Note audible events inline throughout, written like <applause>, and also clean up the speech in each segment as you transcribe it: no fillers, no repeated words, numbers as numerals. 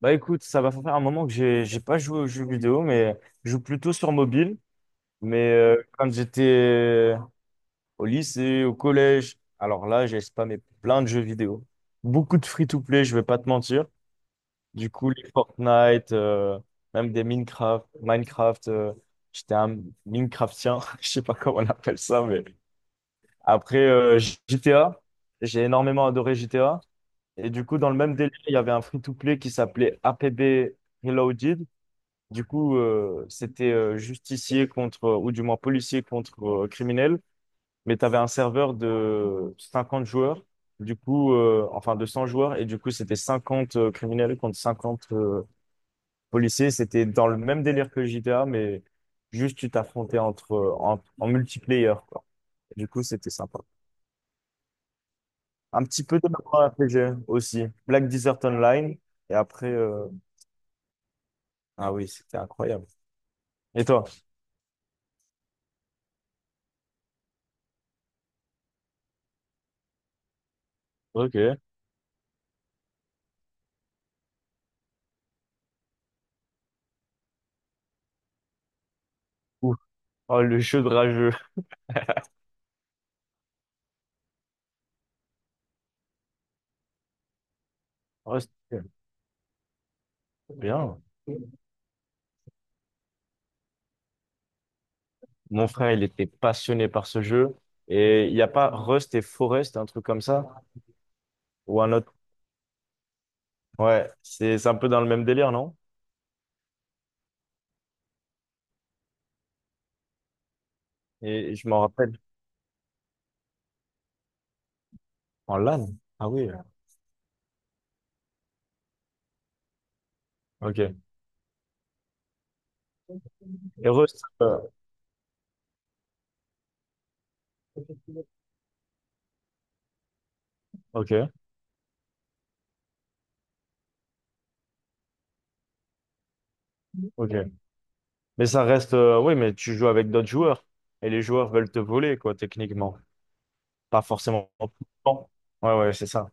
Bah écoute, ça va faire un moment que j'ai pas joué aux jeux vidéo, mais je joue plutôt sur mobile. Mais quand j'étais au lycée, au collège, alors là, j'ai spammé plein de jeux vidéo. Beaucoup de free-to-play, je vais pas te mentir. Du coup, les Fortnite, même des Minecraft, j'étais un Minecraftien, <laughs> je sais pas comment on appelle ça, mais après GTA, j'ai énormément adoré GTA. Et du coup, dans le même délire, il y avait un free-to-play qui s'appelait APB Reloaded. Du coup, c'était justicier contre, ou du moins policier contre criminel, mais tu avais un serveur de 50 joueurs, du coup, enfin de 100 joueurs, et du coup, c'était 50 criminels contre 50 policiers. C'était dans le même délire que GTA, mais juste tu t'affrontais entre, en multiplayer, quoi. Du coup, c'était sympa. Un petit peu de RPG aussi, Black Desert Online, et après, ah oui, c'était incroyable. Et toi? Ok. Ouh. Oh, le jeu de rageux. Oh, bien. Mon frère, il était passionné par ce jeu. Et il n'y a pas Rust et Forest, un truc comme ça? Ou un autre? Ouais, c'est un peu dans le même délire, non? Et je m'en rappelle. En LAN? Ah oui. Ok. Et Rust, ok, ok. Mais ça reste, oui, mais tu joues avec d'autres joueurs. Et les joueurs veulent te voler, quoi, techniquement. Pas forcément. Tout le temps. Ouais, ouais, c'est ça.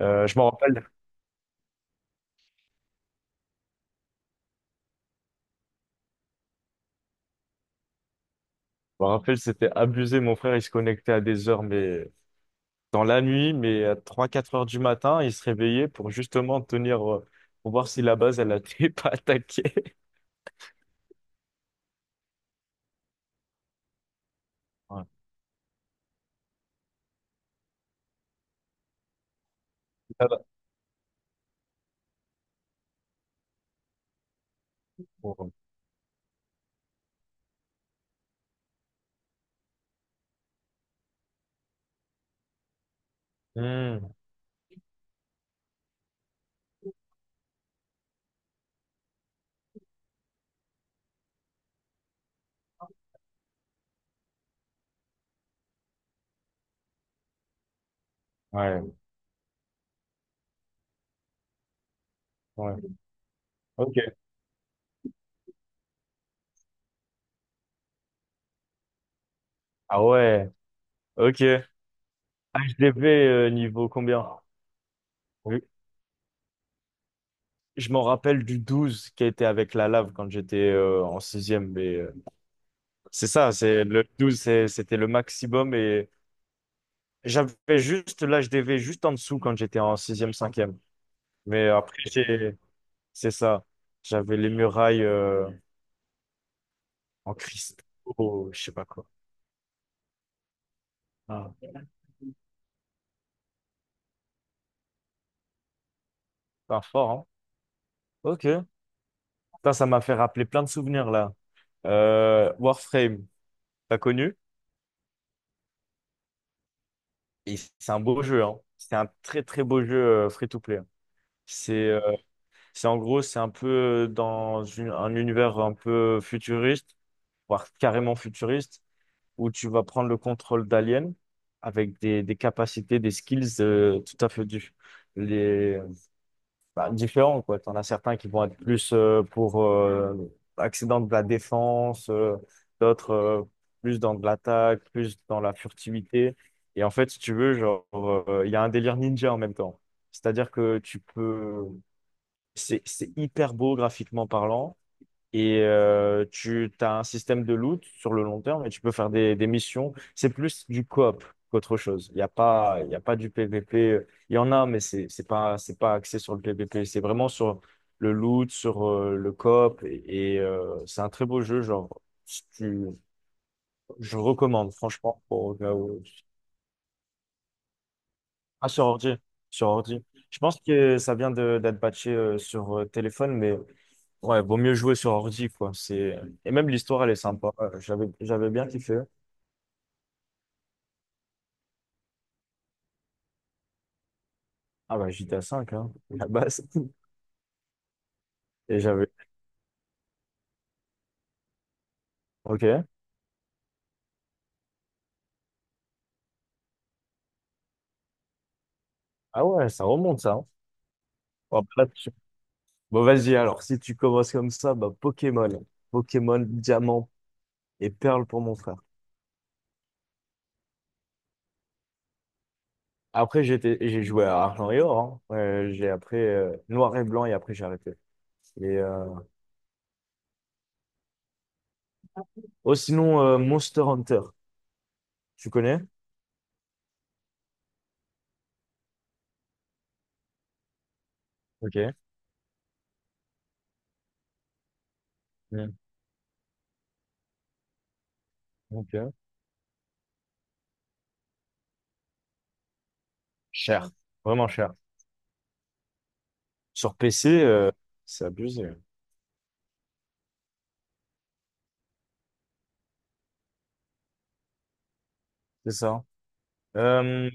Je m'en rappelle. Je me rappelle, c'était abusé. Mon frère, il se connectait à des heures, mais dans la nuit, mais à trois quatre heures du matin, il se réveillait pour justement tenir, pour voir si la base, elle n'était <laughs> pas attaquée. Ouais. Ça va. Bon, bon. Hmm, ouais, ouais. Ok. Ah ouais, ok. HDV niveau combien? Oui. Je m'en rappelle du 12 qui a été avec la lave quand j'étais en sixième, mais c'est ça, c'est le 12, c'était le maximum et j'avais juste l'HDV juste en dessous quand j'étais en sixième, cinquième. Mais après, j'ai C'est ça. J'avais les murailles en cristaux, je sais pas quoi. Ah, pas fort, hein? Ok. Putain, ça m'a fait rappeler plein de souvenirs là. Warframe, t'as connu? Et c'est un beau jeu, hein. C'est un très très beau jeu free-to-play. C'est euh, c'est en gros, c'est un peu dans un univers un peu futuriste, voire carrément futuriste, où tu vas prendre le contrôle d'aliens avec des capacités, des skills tout à fait différentes bah, différents, quoi. T'en as certains qui vont être plus pour axés dans de la défense, d'autres plus dans de l'attaque, plus dans la furtivité. Et en fait, si tu veux, genre, il y a un délire ninja en même temps. C'est-à-dire que tu peux... C'est hyper beau graphiquement parlant. Et tu as un système de loot sur le long terme et tu peux faire des missions. C'est plus du coop qu'autre chose. Il y a pas du PVP. Il y en a, mais c'est pas axé sur le PVP. C'est vraiment sur le loot, sur le coop. Et c'est un très beau jeu. Genre, si tu, je recommande, franchement, pour au cas où- Ah, sur ordi. Sur ordi. Je pense que ça vient d'être patché sur téléphone, mais. Ouais, vaut mieux jouer sur ordi, quoi. C'est... Et même l'histoire, elle est sympa. J'avais bien kiffé. Ah bah, GTA 5 hein, la base. <laughs> Et j'avais... Ok. Ah ouais, ça remonte, ça. Hein. Bon, après, bon, vas-y, alors, si tu commences comme ça, bah, Pokémon. Pokémon, Diamant et Perle pour mon frère. Après, j'ai joué à Argent et Or. Hein. J'ai après Noir et Blanc et après, j'ai arrêté. Et, euh... Oh, sinon, Monster Hunter. Tu connais? Ok. Mm. Ok. Cher. Vraiment cher. Sur PC, c'est abusé. C'est ça. Euh,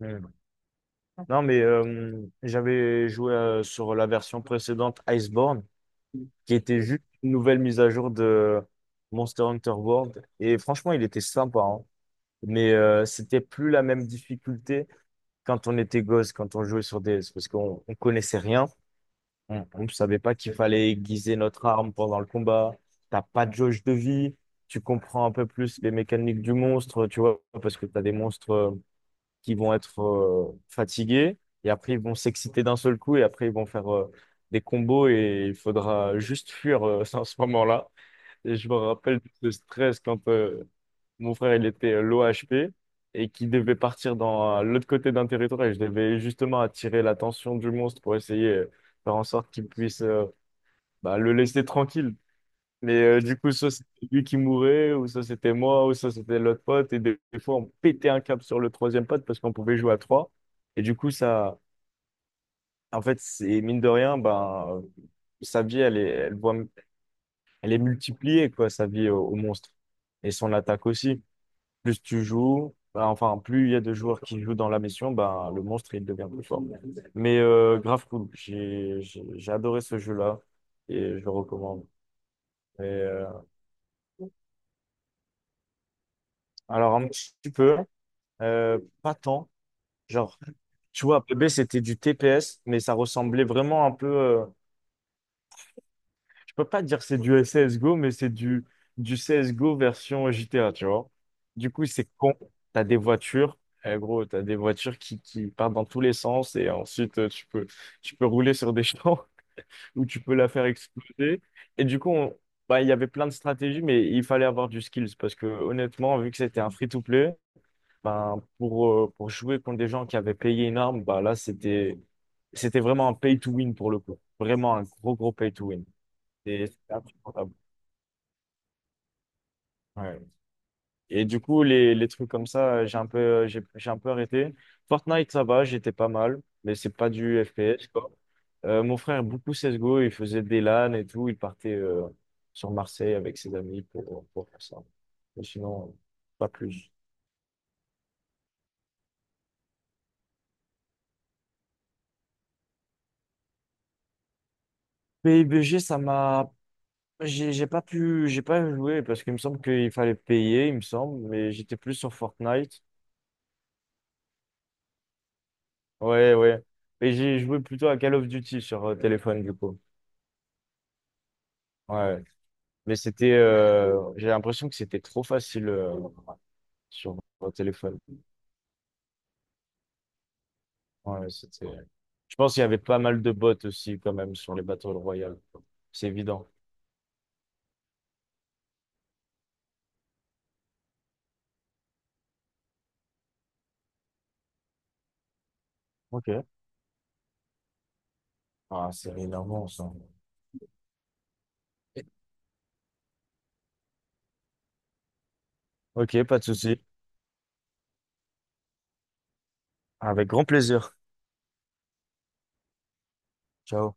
hmm. Non, mais j'avais joué sur la version précédente Iceborne, qui était juste une nouvelle mise à jour de Monster Hunter World. Et franchement, il était sympa, hein. Mais c'était plus la même difficulté quand on était gosse, quand on jouait sur DS, parce qu'on on connaissait rien. On ne savait pas qu'il fallait aiguiser notre arme pendant le combat. T'as pas de jauge de vie. Tu comprends un peu plus les mécaniques du monstre, tu vois, parce que tu as des monstres qui vont être fatigués et après ils vont s'exciter d'un seul coup et après ils vont faire des combos et il faudra juste fuir <laughs> à ce moment-là. Et je me rappelle de ce stress quand mon frère il était l'OHP et qu'il devait partir dans l'autre côté d'un territoire et je devais justement attirer l'attention du monstre pour essayer de faire en sorte qu'il puisse bah, le laisser tranquille. Mais du coup, soit c'était lui qui mourait, ou ça c'était moi, ou ça c'était l'autre pote. Et des fois, on pétait un câble sur le troisième pote parce qu'on pouvait jouer à trois. Et du coup, ça, en fait, c'est mine de rien, ben, sa vie, elle est multipliée, quoi, sa vie au monstre. Et son attaque aussi. Plus tu joues, plus il y a de joueurs qui jouent dans la mission, bah, le monstre, il devient plus fort. Mais grave cool. J'ai adoré ce jeu-là et je le recommande. Et, euh, alors, un petit peu, pas tant. Genre, tu vois, PB, c'était du TPS, mais ça ressemblait vraiment un peu. Peux pas dire que c'est du CSGO, mais c'est du CSGO version GTA, tu vois. Du coup, c'est con. T'as des voitures, eh, gros, t'as des voitures qui partent dans tous les sens et ensuite tu peux rouler sur des champs <laughs> ou tu peux la faire exploser. Et du coup, bah, il y avait plein de stratégies, mais il fallait avoir du skills parce que honnêtement, vu que c'était un free-to-play, ben, pour jouer contre des gens qui avaient payé une arme, c'était vraiment un pay-to-win pour le coup. Vraiment un gros pay-to-win. Et Ouais. Et du coup, les trucs comme ça, j'ai un peu arrêté. Fortnite, ça va, j'étais pas mal, mais c'est pas du FPS, quoi. Mon frère, beaucoup CSGO, il faisait des LAN et tout, il partait sur Marseille avec ses amis pour faire ça. Mais sinon, pas plus. PUBG, ça m'a. J'ai pas pu, j'ai pas joué parce qu'il me semble qu'il fallait payer, il me semble, mais j'étais plus sur Fortnite. Ouais, ouais. Et j'ai joué plutôt à Call of Duty sur téléphone, du coup. Ouais. Mais c'était, j'ai l'impression que c'était trop facile sur mon téléphone. Ouais, c'était... Je pense qu'il y avait pas mal de bots aussi quand même sur les Battle Royale. C'est évident. Ok. Ah, c'est énorme ça. Ok, pas de souci. Avec grand plaisir. Ciao.